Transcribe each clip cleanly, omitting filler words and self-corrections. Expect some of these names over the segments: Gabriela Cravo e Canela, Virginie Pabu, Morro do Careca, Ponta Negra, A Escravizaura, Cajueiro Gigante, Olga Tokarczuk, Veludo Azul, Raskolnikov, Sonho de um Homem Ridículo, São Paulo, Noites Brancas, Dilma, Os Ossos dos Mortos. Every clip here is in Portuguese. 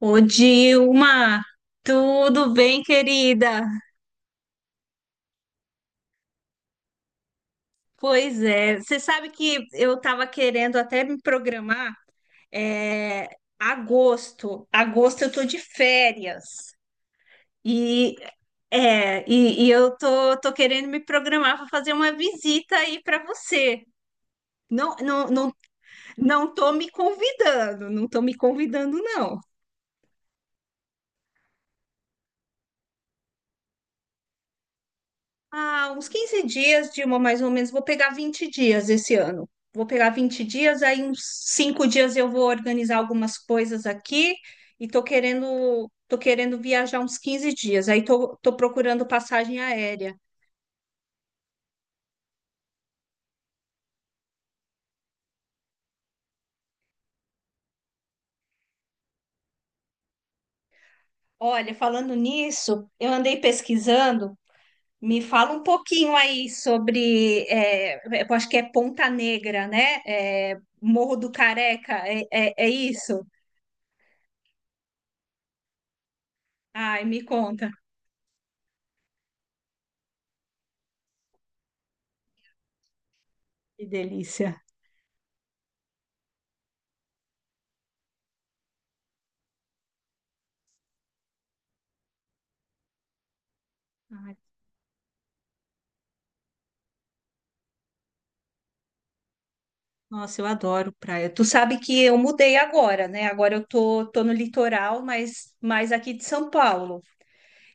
Ô, Dilma, tudo bem, querida? Pois é, você sabe que eu estava querendo até me programar, é, agosto, agosto eu tô de férias e eu tô querendo me programar para fazer uma visita aí para você. Não, não, não, não tô me convidando, não tô me convidando, não. Ah, uns 15 dias, Dilma, mais ou menos. Vou pegar 20 dias esse ano. Vou pegar vinte dias, aí uns 5 dias eu vou organizar algumas coisas aqui e tô querendo viajar uns 15 dias. Aí tô procurando passagem aérea. Olha, falando nisso, eu andei pesquisando. Me fala um pouquinho aí sobre, eu acho que é Ponta Negra, né? É, Morro do Careca, é isso? Ai, me conta. Que delícia. Nossa, eu adoro praia. Tu sabe que eu mudei agora, né? Agora eu tô no litoral, mas mais aqui de São Paulo.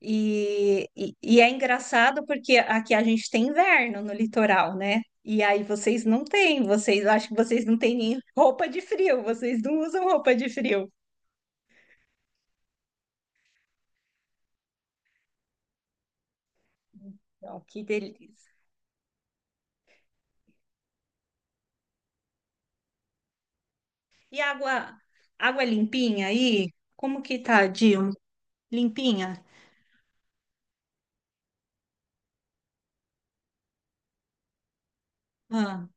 E é engraçado porque aqui a gente tem inverno no litoral, né? E aí vocês não têm, vocês acho que vocês não têm nem roupa de frio, vocês não usam roupa de frio. Não, que delícia. E água, água limpinha aí? Como que tá, Dil? Limpinha? Ah.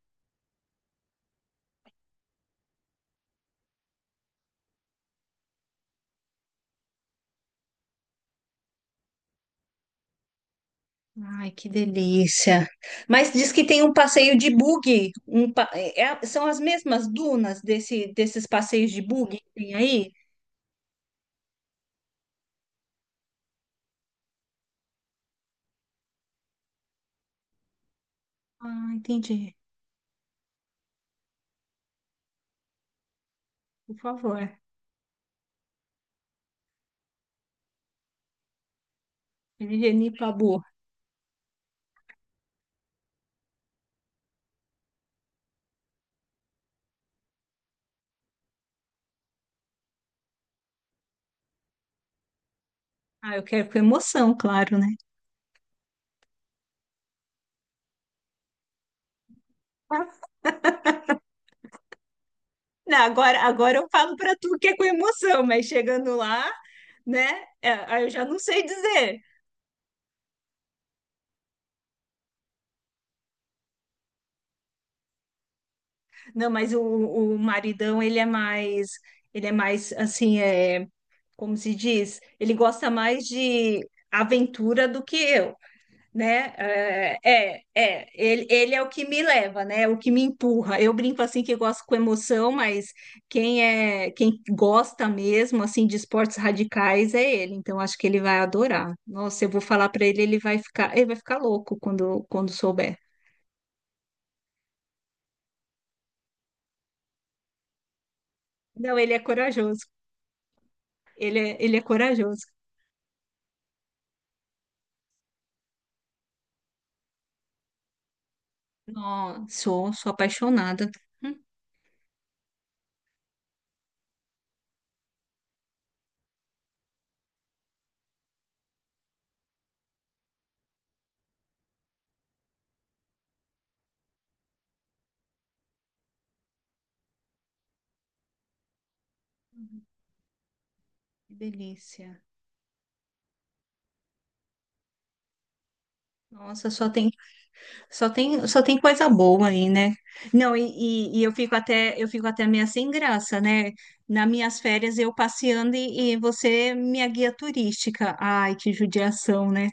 Ai, que delícia. Mas diz que tem um passeio de buggy. São as mesmas dunas desses passeios de buggy que tem aí? Ah, entendi. Por favor. Virginie Pabu. Ah, eu quero com emoção, claro, né? Ah, Não, agora eu falo para tu que é com emoção, mas chegando lá, né? Aí eu já não sei dizer. Não, mas o maridão, ele é mais assim, Como se diz, ele gosta mais de aventura do que eu, né? Ele é o que me leva, né? O que me empurra. Eu brinco assim que eu gosto com emoção, mas quem gosta mesmo assim de esportes radicais é ele. Então acho que ele vai adorar. Nossa, eu vou falar para ele, ele vai ficar louco quando souber. Não, ele é corajoso. Ele é corajoso. Nossa, sou apaixonada. Hum, que delícia. Nossa, só tem Só tem, só tem coisa boa aí, né? Não, e eu fico até meio sem graça, né? Nas minhas férias eu passeando e você minha guia turística. Ai, que judiação, né?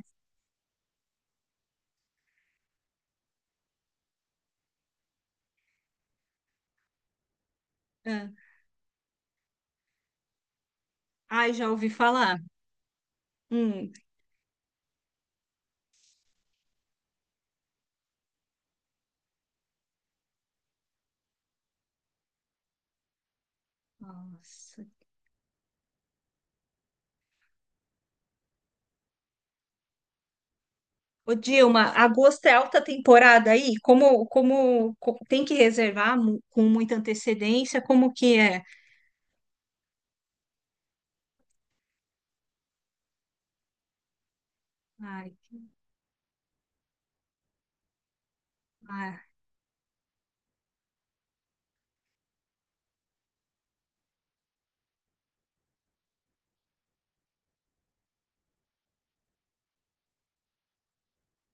Ah, ai, já ouvi falar. Hum. Nossa. Ô, Dilma, agosto é alta temporada aí? Tem que reservar com muita antecedência? Como que é? Ai, que- ai,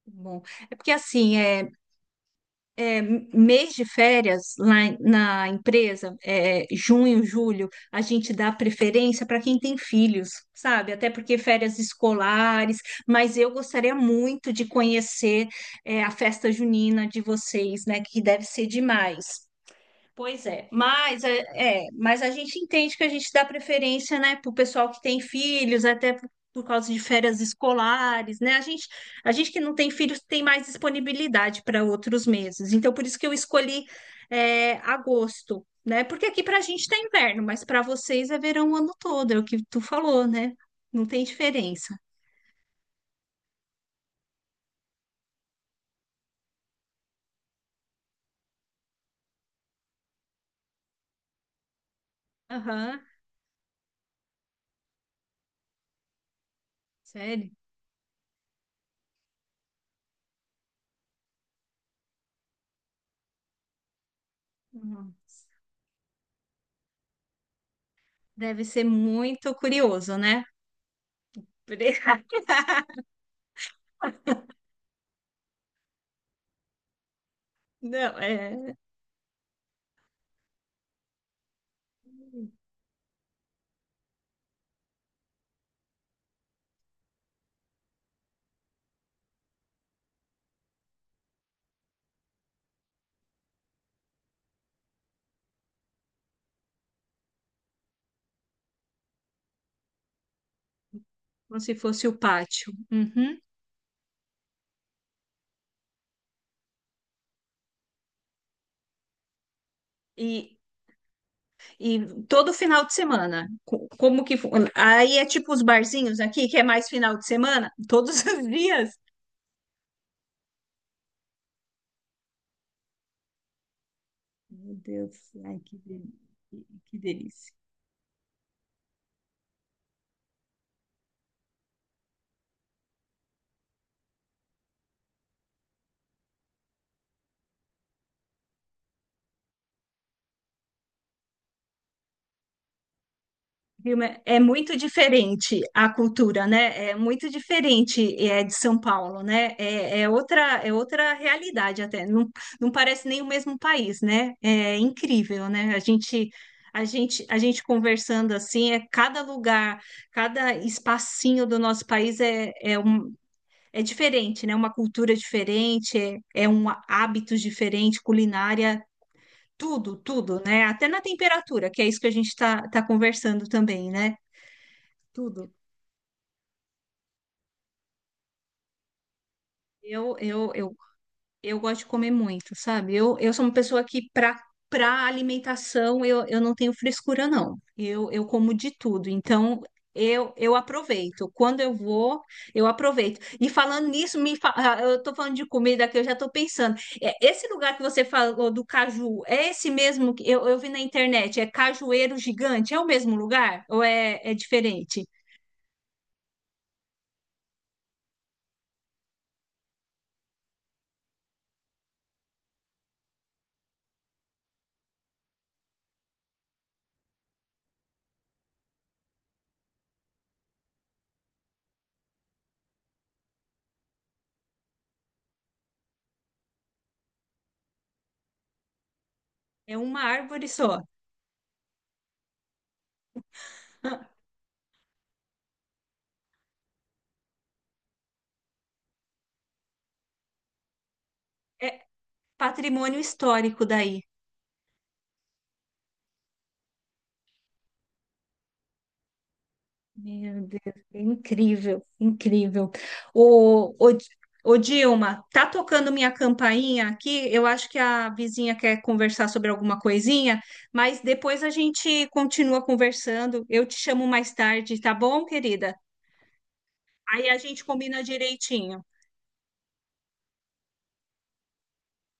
Bom. É porque assim, mês de férias na empresa, é, junho, julho, a gente dá preferência para quem tem filhos, sabe? Até porque férias escolares, mas eu gostaria muito de conhecer, é, a festa junina de vocês, né? Que deve ser demais. Pois é, mas a gente entende que a gente dá preferência, né, para o pessoal que tem filhos, até por causa de férias escolares, né? A gente que não tem filhos tem mais disponibilidade para outros meses. Então, por isso que eu escolhi agosto, né? Porque aqui para a gente tá inverno, mas para vocês é verão o ano todo, é o que tu falou, né? Não tem diferença. Aham, sério? Hum. Deve ser muito curioso, né? Não, é. Como se fosse o pátio. Uhum. E, todo final de semana, aí é tipo os barzinhos aqui, que é mais final de semana, todos os dias. Meu Deus, ai, que, deli- que delícia. Vilma, é muito diferente a cultura, né? É muito diferente é, de São Paulo, né? É outra realidade até. Não, não parece nem o mesmo país, né? É incrível, né? A gente conversando assim, é cada lugar, cada espacinho do nosso país é diferente, né? Uma cultura diferente, é um hábito diferente, culinária. Tudo, tudo, né? Até na temperatura, que é isso que a gente está tá tá conversando também, né? Tudo. Eu, eu, eu, eu gosto de comer muito, sabe? Eu sou uma pessoa que, para alimentação, eu não tenho frescura, não. Eu como de tudo. Então, eu aproveito. Quando eu vou, eu aproveito. E falando nisso, eu tô falando de comida que eu já tô pensando. É, esse lugar que você falou do caju, é esse mesmo que eu vi na internet? É Cajueiro Gigante? É o mesmo lugar? Ou é, é diferente? É uma árvore só. É patrimônio histórico daí. Meu Deus, é incrível, incrível. O, o, Ô, Dilma, tá tocando minha campainha aqui. Eu acho que a vizinha quer conversar sobre alguma coisinha, mas depois a gente continua conversando. Eu te chamo mais tarde, tá bom, querida? Aí a gente combina direitinho.